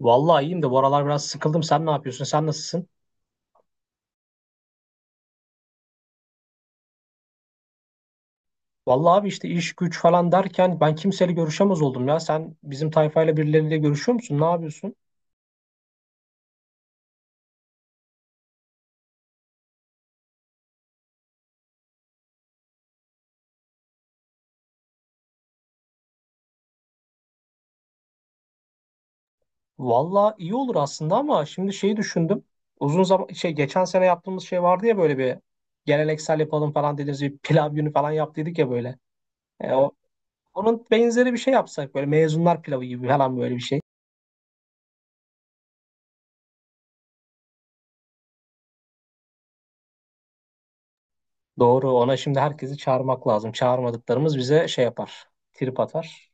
Vallahi iyiyim de bu aralar biraz sıkıldım. Sen ne yapıyorsun? Sen nasılsın? Vallahi abi işte iş güç falan derken ben kimseyle görüşemez oldum ya. Sen bizim tayfayla birileriyle görüşüyor musun? Ne yapıyorsun? Vallahi iyi olur aslında ama şimdi şeyi düşündüm. Uzun zaman şey geçen sene yaptığımız şey vardı ya böyle bir geleneksel yapalım falan dediğimiz bir pilav günü falan yaptıydık ya böyle. E, o, Onun benzeri bir şey yapsak böyle mezunlar pilavı gibi falan böyle bir şey. Doğru ona şimdi herkesi çağırmak lazım. Çağırmadıklarımız bize şey yapar. Trip atar.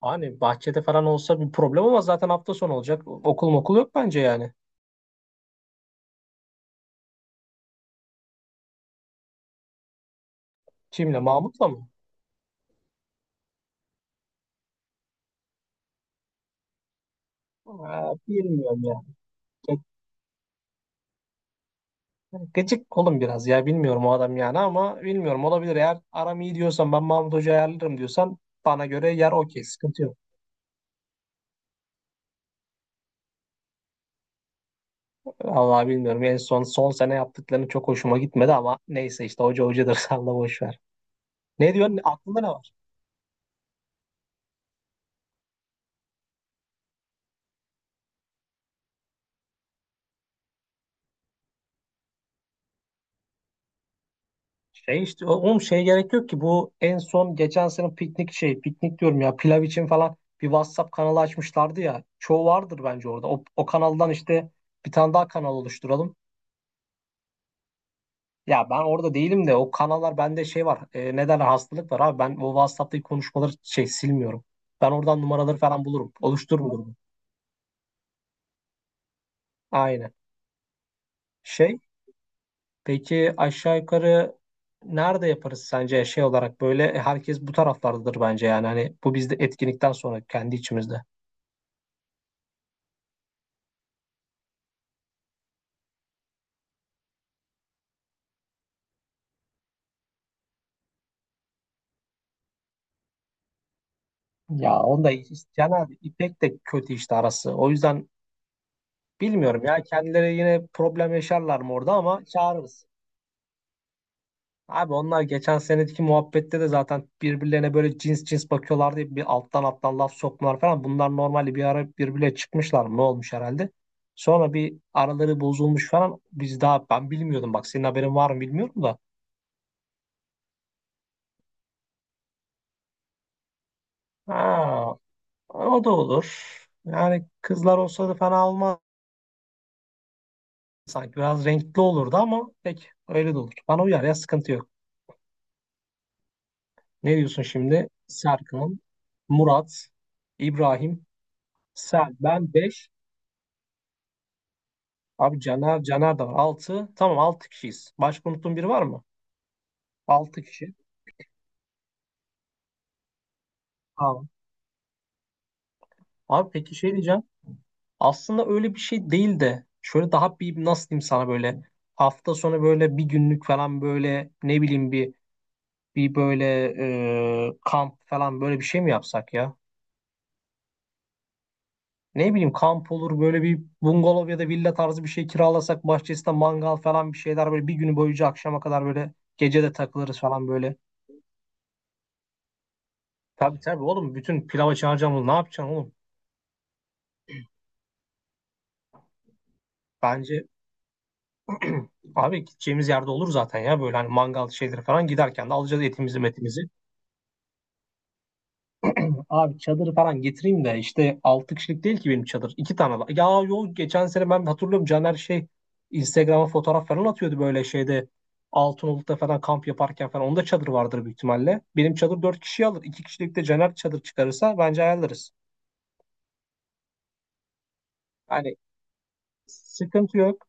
Hani bahçede falan olsa bir problem ama zaten hafta sonu olacak. Okul okul yok bence yani. Kimle? Mahmut'la mı? Aa, bilmiyorum ya. Gı- Gıcık olun biraz ya. Bilmiyorum o adam yani ama bilmiyorum olabilir. Eğer aram iyi diyorsan ben Mahmut Hoca ayarlarım diyorsan bana göre yer okey. Sıkıntı yok. Vallahi bilmiyorum. En son son sene yaptıklarını çok hoşuma gitmedi ama neyse işte hoca hocadır. Salla boş ver. Ne diyorsun? Aklında ne var? Şey işte oğlum şey gerek yok ki bu en son geçen sene piknik şey piknik diyorum ya pilav için falan bir WhatsApp kanalı açmışlardı ya. Çoğu vardır bence orada. O kanaldan işte bir tane daha kanal oluşturalım. Ya ben orada değilim de o kanallar bende şey var. E, neden hastalık var abi ben o WhatsApp'taki konuşmaları şey silmiyorum. Ben oradan numaraları falan bulurum. Oluştururum bunu. Aynen. Şey peki aşağı yukarı nerede yaparız sence şey olarak böyle herkes bu taraflardadır bence yani hani bu bizde etkinlikten sonra kendi içimizde. Ya onda Can abi İpek de kötü işte arası. O yüzden bilmiyorum ya kendileri yine problem yaşarlar mı orada ama çağırırız. Abi onlar geçen seneki muhabbette de zaten birbirlerine böyle cins cins bakıyorlardı diye bir alttan alttan laf sokmalar falan. Bunlar normalde bir ara birbirine çıkmışlar mı ne olmuş herhalde. Sonra bir araları bozulmuş falan. Biz daha ben bilmiyordum bak senin haberin var mı bilmiyorum da. Ha, o da olur. Yani kızlar olsa da fena olmaz. Sanki biraz renkli olurdu ama pek öyle de olur. Bana uyar ya sıkıntı yok. Ne diyorsun şimdi? Serkan, Murat, İbrahim, Sel, ben 5. Abi Caner, Caner de var. 6. Tamam 6 kişiyiz. Başka unuttuğum biri var mı? 6 kişi. Tamam. Abi peki şey diyeceğim. Aslında öyle bir şey değil de şöyle daha bir nasıl diyeyim sana böyle hafta sonu böyle bir günlük falan böyle ne bileyim bir böyle kamp falan böyle bir şey mi yapsak ya? Ne bileyim kamp olur böyle bir bungalov ya da villa tarzı bir şey kiralasak bahçesinde mangal falan bir şeyler böyle bir günü boyunca akşama kadar böyle gece de takılırız falan böyle. Tabii tabii oğlum bütün pilava çağıracağım onu ne yapacaksın oğlum? Bence abi gideceğimiz yerde olur zaten ya böyle hani mangal şeyleri falan giderken de alacağız etimizi metimizi. Abi çadırı falan getireyim de işte 6 kişilik değil ki benim çadır. 2 tane var. Ya yok geçen sene ben hatırlıyorum Caner şey Instagram'a fotoğraf falan atıyordu böyle şeyde. Altınoluk'ta falan kamp yaparken falan. Onda çadır vardır büyük ihtimalle. Benim çadır 4 kişi alır. 2 kişilik de Caner çadır çıkarırsa bence ayarlarız. Hani sıkıntı yok.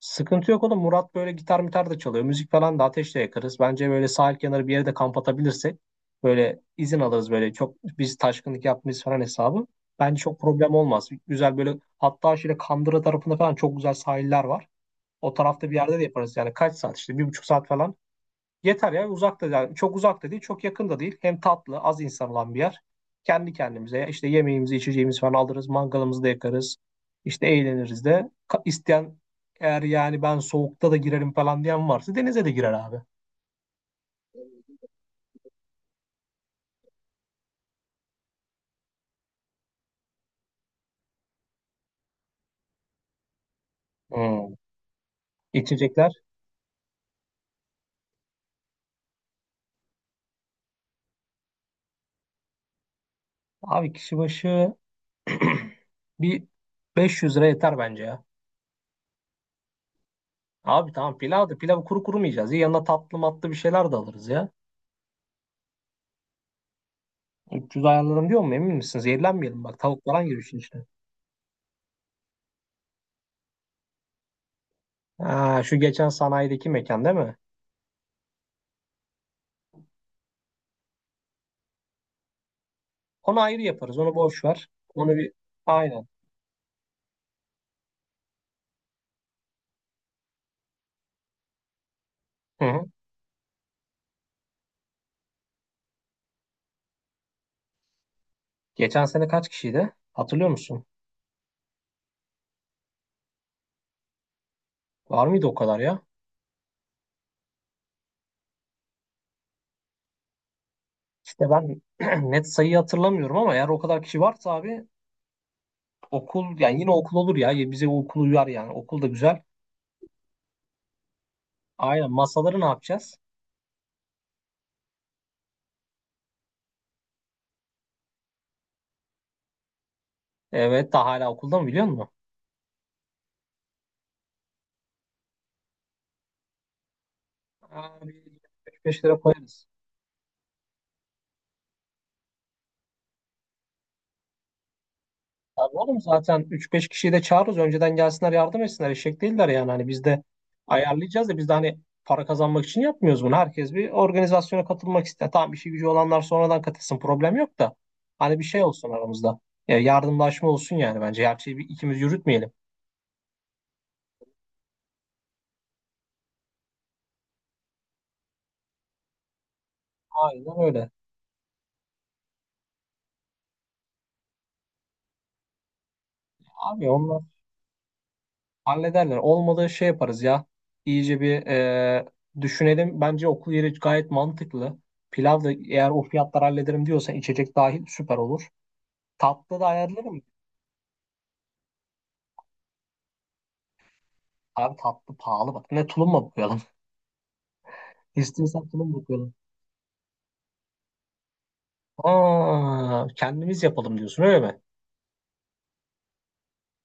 Sıkıntı yok oğlum. Murat böyle gitar mitar da çalıyor. Müzik falan da ateşle yakarız. Bence böyle sahil kenarı bir yere de kamp atabilirsek böyle izin alırız böyle. Çok biz taşkınlık yapmayız falan hesabı. Bence çok problem olmaz. Güzel böyle hatta şöyle Kandıra tarafında falan çok güzel sahiller var. O tarafta bir yerde de yaparız. Yani kaç saat işte 1,5 saat falan. Yeter ya uzak da yani çok uzak da değil çok yakın da değil. Hem tatlı az insan olan bir yer. Kendi kendimize işte yemeğimizi içeceğimizi falan alırız. Mangalımızı da yakarız. İşte eğleniriz de. İsteyen eğer yani ben soğukta da girerim falan diyen varsa denize de girer abi. Hmm. İçecekler. Abi kişi başı bir 500 lira yeter bence ya. Abi tamam pilav da pilavı kuru kuru mu yiyeceğiz? Ya yanına tatlı matlı bir şeyler de alırız ya. 300 ayarlarım diyor mu emin misiniz? Zehirlenmeyelim bak tavuk falan giriyor işin içine. Ha, şu geçen sanayideki mekan değil mi? Onu ayrı yaparız. Onu boş ver. Onu bir aynen. Hı hı. Geçen sene kaç kişiydi? Hatırlıyor musun? Var mıydı o kadar ya? İşte ben net sayıyı hatırlamıyorum ama eğer o kadar kişi varsa abi okul yani yine okul olur ya. Ya bize okul uyar yani. Okul da güzel. Aynen. Masaları ne yapacağız? Evet daha hala okulda mı biliyor musun? Abi 25 lira koyarız. Abi oğlum zaten üç beş kişiyi de çağırırız. Önceden gelsinler yardım etsinler. Eşek değiller yani. Hani biz de ayarlayacağız da biz de hani para kazanmak için yapmıyoruz bunu. Herkes bir organizasyona katılmak ister. Tamam işi gücü olanlar sonradan katılsın. Problem yok da. Hani bir şey olsun aramızda. Ya yardımlaşma olsun yani bence. Her şeyi bir, ikimiz yürütmeyelim. Aynen öyle. Abi onlar hallederler. Olmadığı şey yaparız ya. İyice bir düşünelim. Bence okul yeri gayet mantıklı. Pilav da eğer o fiyatlar hallederim diyorsan içecek dahil süper olur. Tatlı da ayarlarım. Abi tatlı pahalı bak. Ne tulumla boyayalım. İstiyorsan tulumla boyayalım. Aa, kendimiz yapalım diyorsun öyle mi?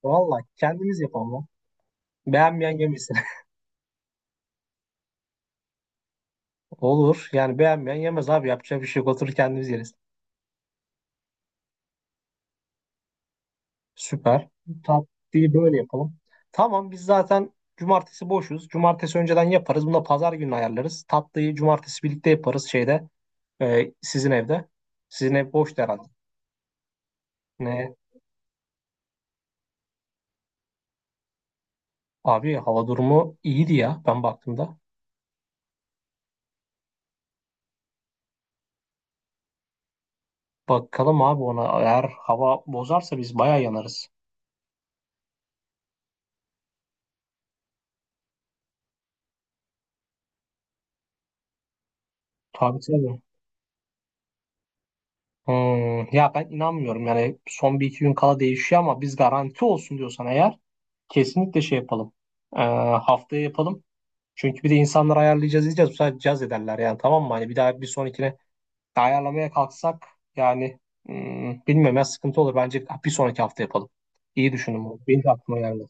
Valla kendimiz yapalım lan. Beğenmeyen yemesin. Olur. Yani beğenmeyen yemez abi. Yapacak bir şey yok. Oturur kendimiz yeriz. Süper. Tatlıyı böyle yapalım. Tamam biz zaten cumartesi boşuz. Cumartesi önceden yaparız. Bunu da pazar günü ayarlarız. Tatlıyı cumartesi birlikte yaparız şeyde. Sizin evde. Sizin ev boştu herhalde. Ne? Abi hava durumu iyiydi ya ben baktığımda. Bakalım abi ona eğer hava bozarsa biz bayağı yanarız. Tabii tabii. Ya ben inanmıyorum yani son bir iki gün kala değişiyor ama biz garanti olsun diyorsan eğer kesinlikle şey yapalım. Ee, Haftaya yapalım. Çünkü bir de insanları ayarlayacağız diyeceğiz. Bu sefer caz ederler yani tamam mı? Hani bir daha bir sonrakine ayarlamaya kalksak yani bilmiyorum ya sıkıntı olur. Bence bir sonraki hafta yapalım. İyi düşündüm bunu. Benim de aklıma geldi.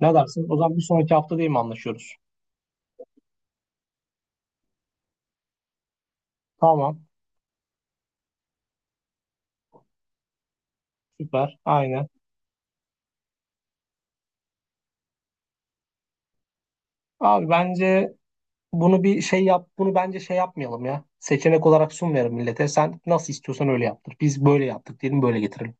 Ne dersin? O zaman bir sonraki hafta değil mi anlaşıyoruz? Tamam. Süper. Aynen. Abi bence bunu bir şey yap, bunu bence şey yapmayalım ya. Seçenek olarak sunmayalım millete. Sen nasıl istiyorsan öyle yaptır. Biz böyle yaptık diyelim, böyle getirelim.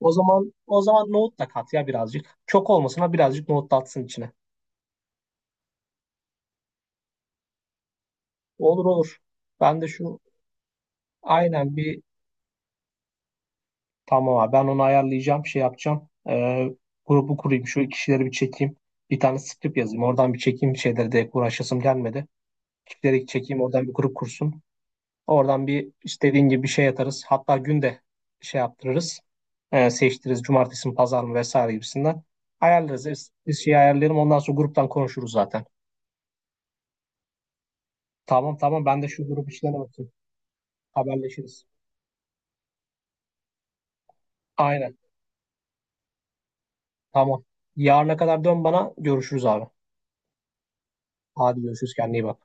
O zaman nohut da kat ya birazcık. Çok olmasına birazcık nohut da atsın içine. Olur olur. Ben de şu aynen bir tamam abi ben onu ayarlayacağım, şey yapacağım. Grubu kurayım, şu kişileri bir çekeyim. Bir tane script yazayım. Oradan bir çekeyim şeyleri de uğraşasım gelmedi. Kişileri çekeyim oradan bir grup kursun. Oradan bir istediğin gibi bir şey atarız. Hatta günde şey yaptırırız. Seçtiririz cumartesi mi pazar mı vesaire gibisinden. Ayarlarız. Biz şey ayarlayalım. Ondan sonra gruptan konuşuruz zaten. Tamam tamam ben de şu grup işlerine bakayım. Haberleşiriz. Aynen. Tamam. Yarına kadar dön bana. Görüşürüz abi. Hadi görüşürüz. Kendine iyi bak.